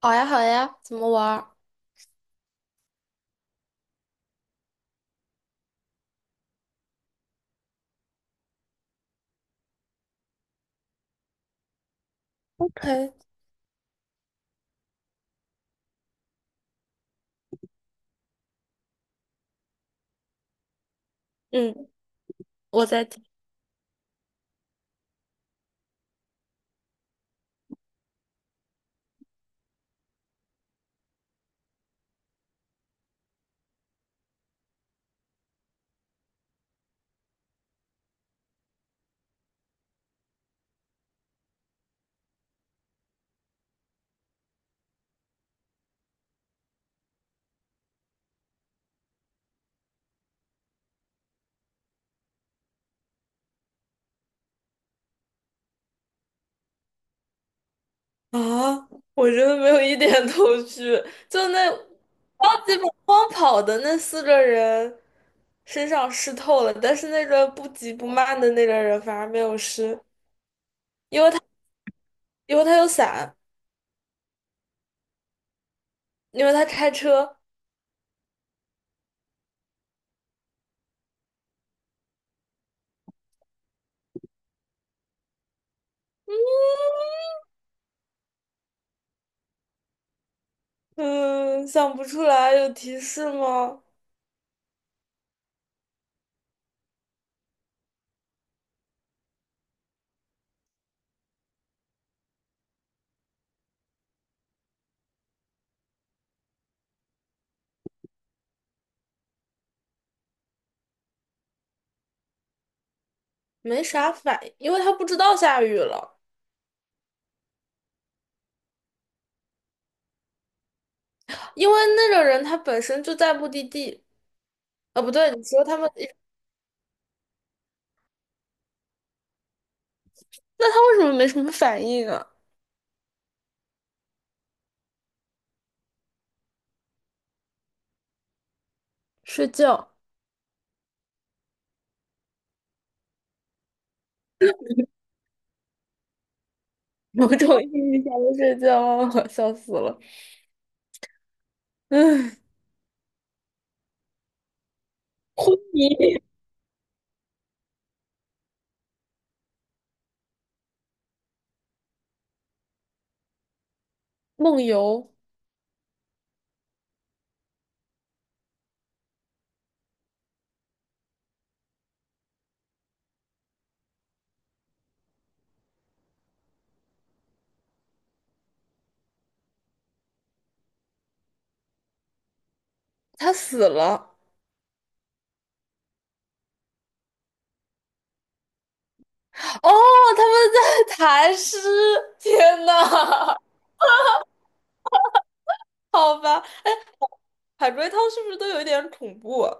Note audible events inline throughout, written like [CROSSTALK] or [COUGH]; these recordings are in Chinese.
好呀，好呀，怎么玩儿？嘿嗯，我在听。啊，我真的没有一点头绪。就那超级马荒跑的那四个人身上湿透了，但是那个不急不慢的那个人反而没有湿，因为他有伞，因为他开车。嗯，想不出来，有提示吗？没啥反应，因为他不知道下雨了。因为那个人他本身就在目的地，啊，不对，你说他们。那他为什么没什么反应啊？睡觉，某种意义上的睡觉啊，[LAUGHS] 我笑死了。嗯，昏迷，梦游，他死了。哦，他们在 [LAUGHS] 谈诗。天呐，好吧，海龟汤是不是都有一点恐怖啊？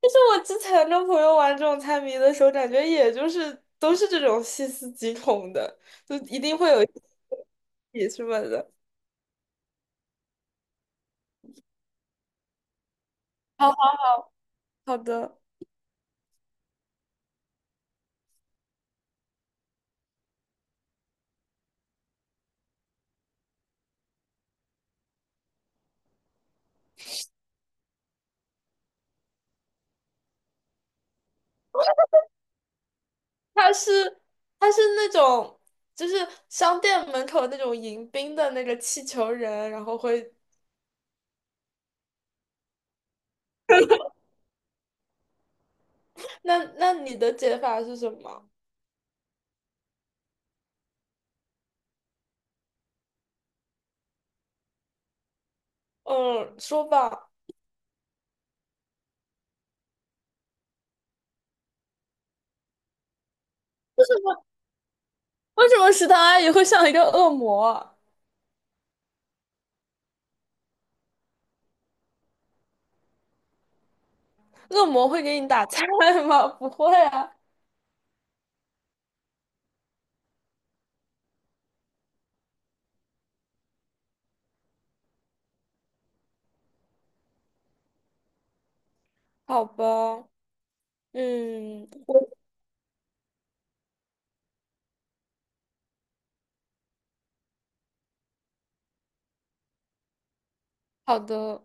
就是我之前跟朋友玩这种猜谜的时候，感觉也就是都是这种细思极恐的，就一定会有一起什么的。[LAUGHS] 好好好的。他是他是那种就是商店门口那种迎宾的那个气球人，然后会，那你的解法是什么？嗯，说吧。为什么为什么食堂阿姨会像一个恶魔啊恶魔会给你打菜吗？[LAUGHS] 不会啊。好吧，嗯，好的。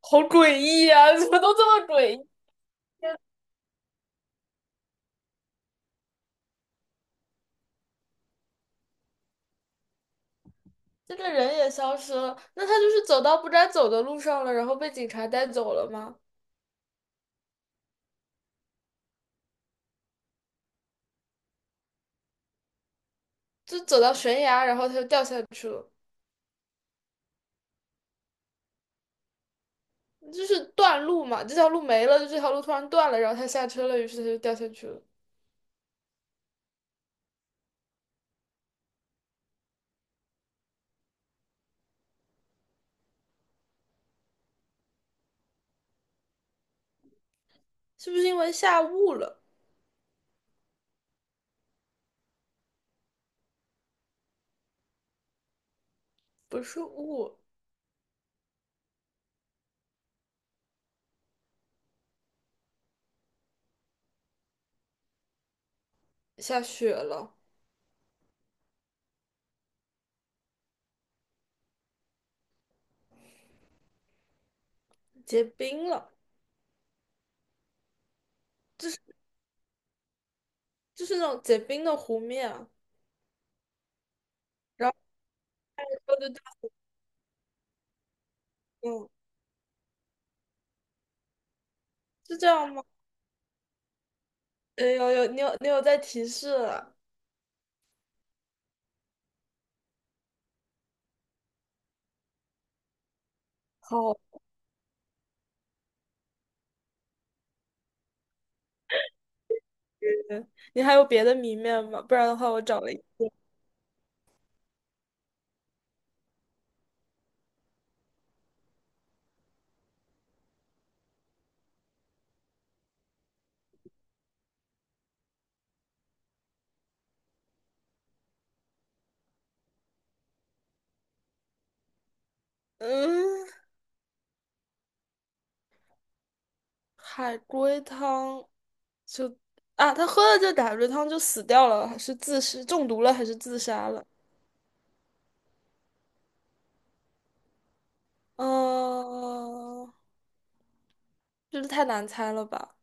好诡异啊，怎么都这么诡异？这个人也消失了，那他就是走到不该走的路上了，然后被警察带走了吗？就走到悬崖，然后他就掉下去了。就是断路嘛，这条路没了，就这条路突然断了，然后他下车了，于是他就掉下去了。是不是因为下雾了？不是雾，下雪了，结冰了，就是那种结冰的湖面啊然后就掉，嗯，是这样吗？哎呦呦，你有在提示了，好晕，你还有别的谜面吗？不然的话，我找了一，嗯，海龟汤就啊，他喝了这海龟汤就死掉了，是自是中毒了还是自杀了？哦，这太难猜了吧？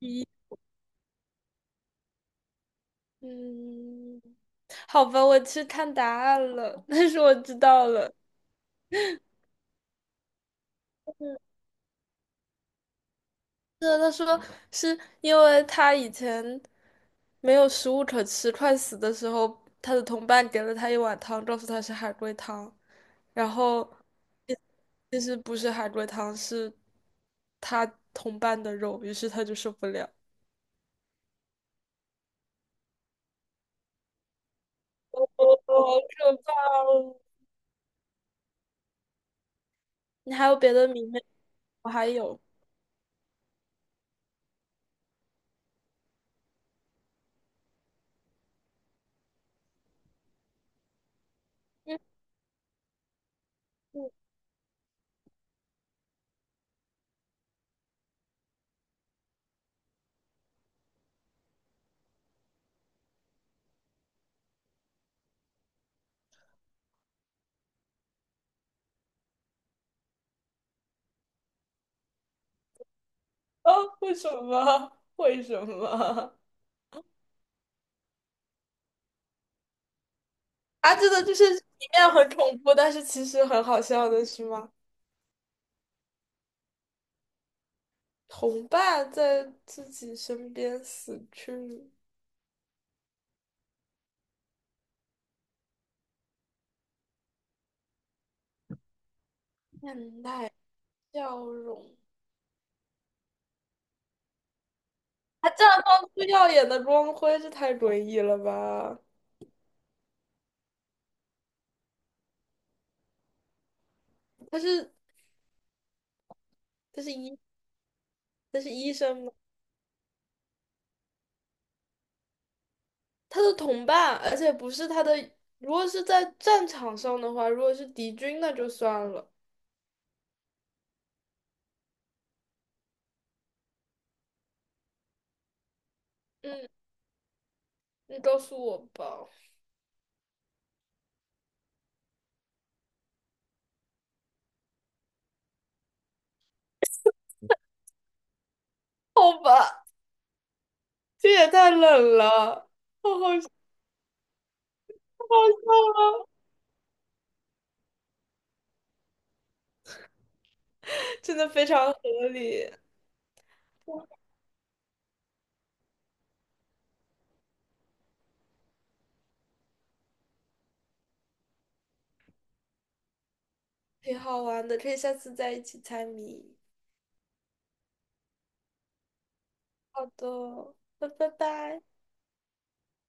一嗯，好吧，我去看答案了，[LAUGHS] 但是我知道了。对，他说是因为他以前没有食物可吃，快死的时候，他的同伴给了他一碗汤，告诉他是海龟汤，然后其其实不是海龟汤，是他同伴的肉，于是他就受不了。哦，好可怕哦！你还有别的谜吗？我还有。[LAUGHS] 啊，为什么？为什么？[LAUGHS] 啊，这个就是里面很恐怖，但是其实很好笑的是吗？同伴在自己身边死去，面带笑容。他绽放出耀眼的光辉，这太诡异了吧？他是他是医他是医生吗？他的同伴，而且不是他的。如果是在战场上的话，如果是敌军，那就算了。嗯，你告诉我吧。好吧。这也太冷了，好好笑，好笑啊！真的非常合理，挺好玩的，可以下次再一起猜谜。好的，那拜拜。